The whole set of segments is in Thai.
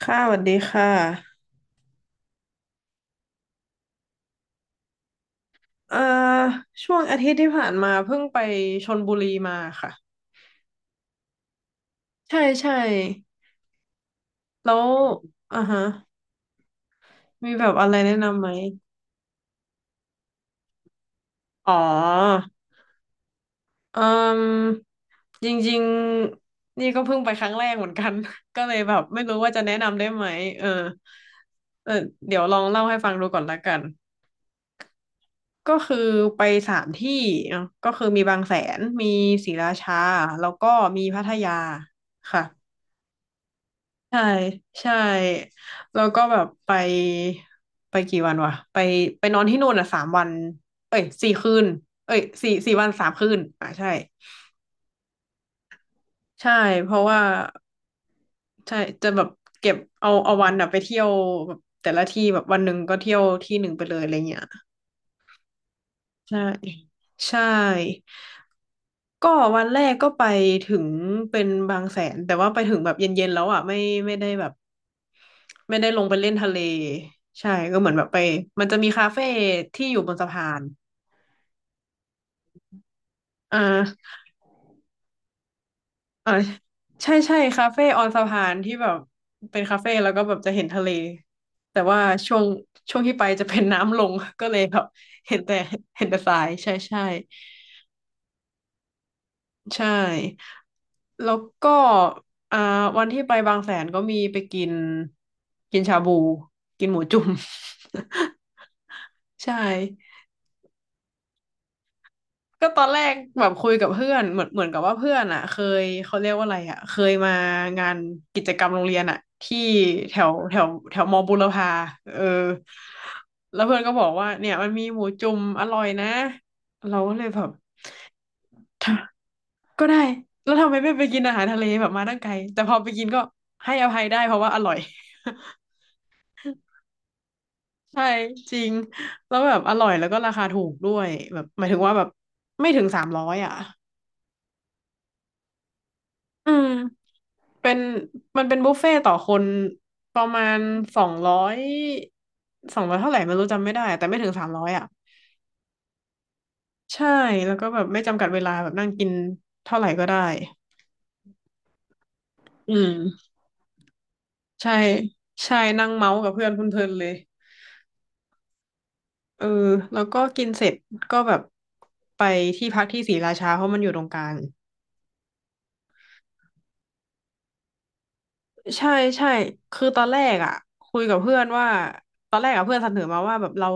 ค่ะสวัสดีค่ะเอ่อช่วงอาทิตย์ที่ผ่านมาเพิ่งไปชลบุรีมาค่ะ ใช่ใช่ แล้วอ่าฮะมีแบบอะไรแนะนำไหม อ๋อเอ่มจริงๆนี่ก็เพิ่งไปครั้งแรกเหมือนกัน ก็เลยแบบไม่รู้ว่าจะแนะนำได้ไหมเออเออเดี๋ยวลองเล่าให้ฟังดูก่อนละกัน ก็คือไป3 ที่เนาะก็คือมีบางแสน มีศรีราชาแล้วก็มีพัทยาค่ะ ใช่ใช่แล้วก็แบบไปกี่วันวะไปนอนที่นู่นอ่ะ3 วันเอ้ย4 คืนเอ้ยสี่วันสามคืนอ่ะใช่ใช่เพราะว่าใช่จะแบบเก็บเอาวันอ่ะไปเที่ยวแบบแต่ละที่แบบวันหนึ่งก็เที่ยวที่หนึ่งไปเลยอะไรเงี้ยใช่ใช่ก็วันแรกก็ไปถึงเป็นบางแสนแต่ว่าไปถึงแบบเย็นๆแล้วอ่ะไม่ได้แบบ ไม่ได้ลงไปเล่นทะเลใช่ก็เหมือนแบบไปมันจะมีคาเฟ่ที่อยู่บนสะพานอ่าอ่าใช่ใช่คาเฟ่ออนสะพานที่แบบเป็นคาเฟ่แล้วก็แบบจะเห็นทะเลแต่ว่าช่วงช่วงที่ไปจะเป็นน้ำลง ก็เลยแบบเห็นแต่เห็นแต่ทรายใช่ใช่ใช่แล้วก็อ่าวันที่ไปบางแสนก็มีไปกินกินชาบูกินหมูจุ่ม ใช่ ก็ตอนแรกแบบคุยกับเพื่อนเหมือนกับว่าเพื่อนอ่ะเคยเขาเรียกว่าอะไรอ่ะเคยมางานกิจกรรมโรงเรียนอ่ะที่แถวแถวแถวมอบุรพาเออแล้วเพื่อนก็บอกว่าเนี่ยมันมีหมูจุ่มอร่อยนะเราก็เลยแบบทำก็ได้แล้วทำไมไม่ไปกินอาหารทะเลแบบมาตั้งไกลแต่พอไปกินก็ให้อภัยได้เพราะว่าอร่อย ใช่จริงแล้วแบบอร่อยแล้วก็ราคาถูกด้วยแบบหมายถึงว่าแบบไม่ถึงสามร้อยอ่ะ อืมเป็นมันเป็นบุฟเฟ่ตต่อคนประมาณสองร้อยสองร้อยเท่าไหร่ไม่รู้จำไม่ได้แต่ไม่ถึงสามร้อยอ่ะใช่แล้วก็แบบไม่จำกัดเวลาแบบนั่งกินเท่าไหร่ก็ได้อืมใช่ใช่นั่งเมาส์กับเพื่อนเพลินๆเลยเออแล้วก็กินเสร็จก็แบบไปที่พักที่ศรีราชาเพราะมันอยู่ตรงกลาง ใช่ใช่ คือตอนแรกอ่ะคุยกับเพื่อนว่าตอนแรกอ่ะเพื่อนเสนอมาว่าแบบเรา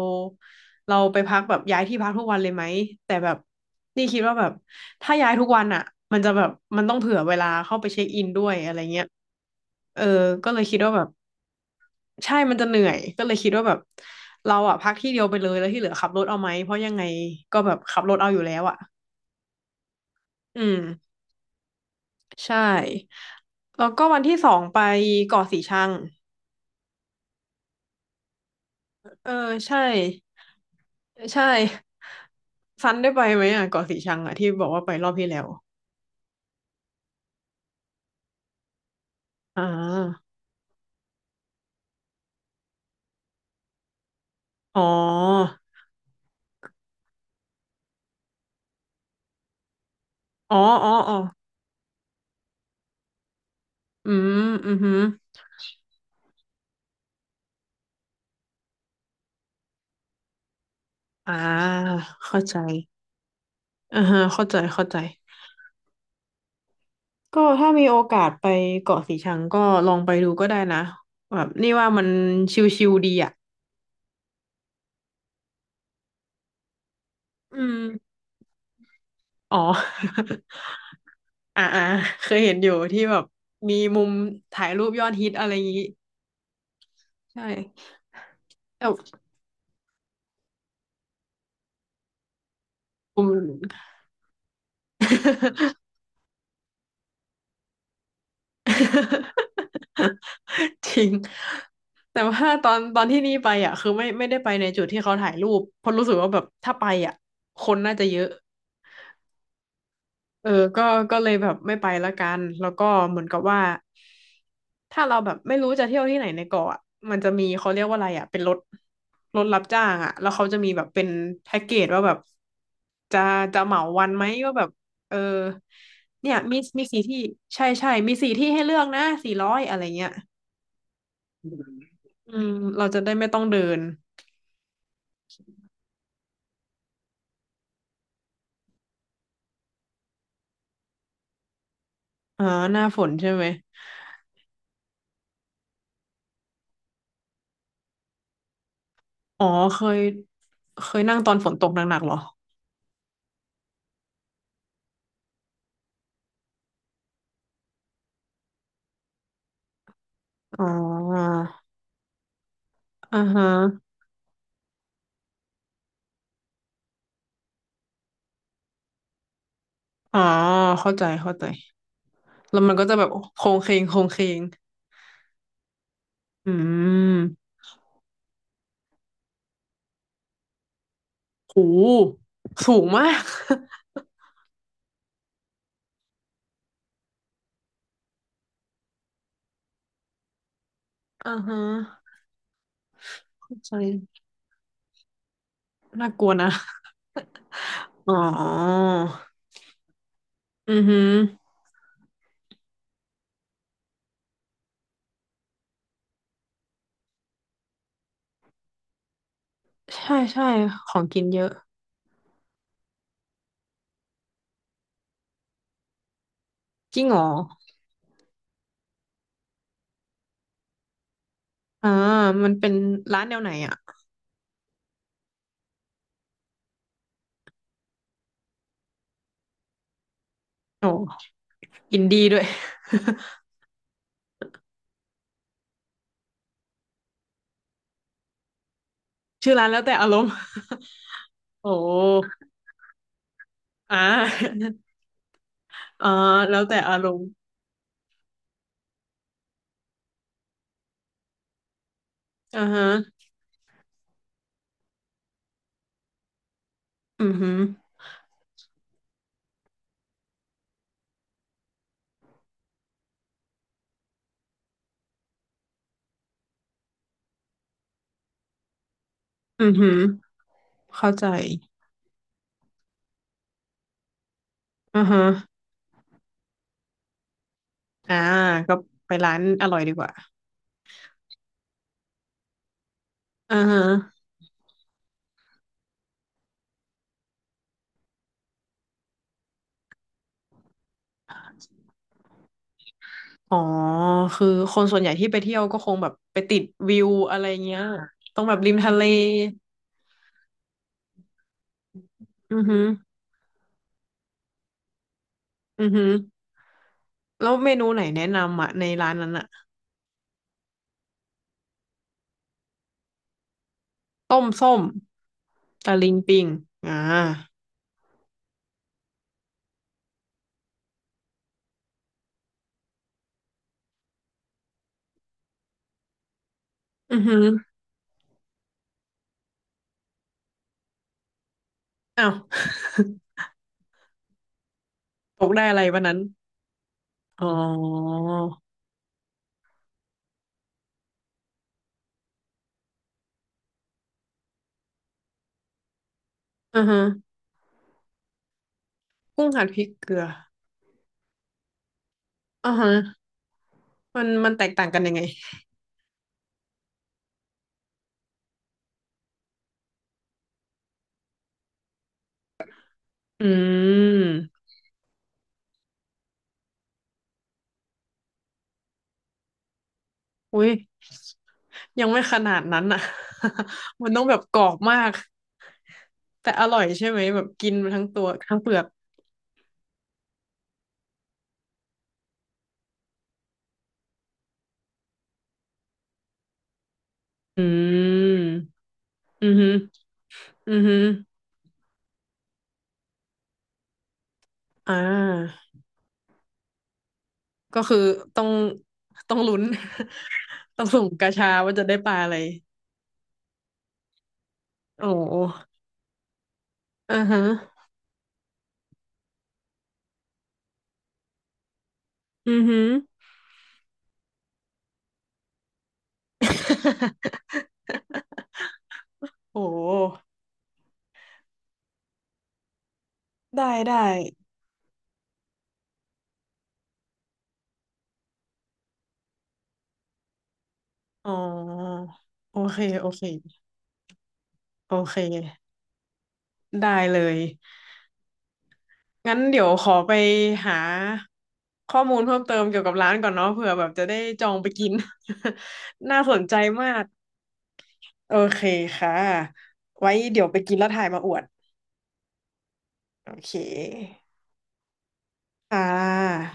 เราไปพักแบบย้ายที่พักทุกวันเลยไหมแต่แบบนี่คิดว่าแบบถ้าย้ายทุกวันอ่ะมันจะแบบมันต้องเผื่อเวลาเข้าไปเช็คอินด้วยอะไรเงี้ยเออก็เลยคิดว่าแบบใช่มันจะเหนื่อยก็เลยคิดว่าแบบเราอ่ะพักที่เดียวไปเลยแล้วที่เหลือขับรถเอาไหมเพราะยังไงก็แบบขับรถเอาอยู่แล้วอ่ะอืมใช่แล้วก็วันที่สองไปเกาะสีชังเออใช่ใช่ ซันได้ไปไหมอ่ะเกาะสีชังอ่ะที่บอกว่าไปรอบที่แล้วอ่าอ๋ออ๋ออ๋ออ๋ออืมอือหืออ่าเข้าใจอ่าฮะเข้าใจเข้าใจก็ถ้ามีโอกาสไปเกาะสีชังก็ลองไปดูก็ได้นะแบบนี่ว่ามันชิลๆดีอ่ะอืมอ๋อ อ่าอ่าเคยเห็นอยู่ที่แบบมีมุมถ่ายรูปยอดฮิตอะไรอย่างงี้ใช่แต่ผม จริงแต่ว่าตอนที่นี่ไปอ่ะคือไม่ได้ไปในจุดที่เขาถ่ายรูปเพราะรู้สึกว่าแบบถ้าไปอ่ะคนน่าจะเยอะเออก็ก็เลยแบบไม่ไปละกันแล้วก็เหมือนกับว่าถ้าเราแบบไม่รู้จะเที่ยวที่ไหนในเกาะอะมันจะมีเขาเรียกว่าอะไรอ่ะเป็นรถรถรับจ้างอ่ะแล้วเขาจะมีแบบเป็นแพ็กเกจว่าแบบจะจะเหมาวันไหมว่าแบบเออเนี่ยมีสี่ที่ใช่ใช่มีสี่ที่ให้เลือกนะ400อะไรเงี้ย อืมเราจะได้ไม่ต้องเดินอ่าหน้าฝนใช่ไหมอ๋อเคยเคยนั่งตอนฝนตกหนักๆเหรออ๋ออ่าฮะอ๋อเข้าใจเข้าใจแล้วมันก็จะแบบโค้งเคงโค้งเคงอืมโหสูงมาก อ่าฮะเข้าใจน่ากลัวนะอ๋ออือหือใช่ใช่ของกินเยอะจริงเหรออ่ามันเป็นร้านแนวไหนอ่ะโอ้กินดีด้วย ชื่อร้านแล้วแต่อารมณ์โอ้อ่า อ่าแล้วแต่อารมณ์อ่าฮะอือหืออือหือเข้าใจอ่าฮะอ่าก็ไปร้านอร่อยดีกว่าอ่าฮะอ๋อคือคนส่วนใหญ่ที่ไปเที่ยวก็คงแบบไปติดวิวอะไรเงี้ย ต้องแบบริมทะเล อือหืออือหือแล้วเมนูไหนแนะนำอ่ะในร้านนั้นอ่ะต้มส้มตะลิงปิงอ่าอือหืออ้าว ตกได้อะไรวันนั้น อ๋ออือฮะกุ้งหั่นพริกเกลืออือฮะมันมันแตกต่างกันยังไงอืมอุ้ยยังไม่ขนาดนั้นอ่ะ มันต้องแบบกรอบมากแต่อร่อยใช่ไหมแบบกินไปทั้งตัวทั้งเปลือกอืมอือฮึอือฮึอ่าก็คือต้องต้องลุ้น ต้องสุ่มกาชาว่าจะได้ปลาอะไรโอ้อือฮะอือฮึ โอ้ได้ได้ อ๋อโอเคโอเคโอเคได้เลยงั้นเดี๋ยวขอไปหาข้อมูลเพิ่มเติมเกี่ยวกับร้านก่อนเนาะเผื่อแบบจะได้จองไปกิน น่าสนใจมากโอเคค่ะไว้เดี๋ยวไปกินแล้วถ่ายมาอวดโอเคค่ะ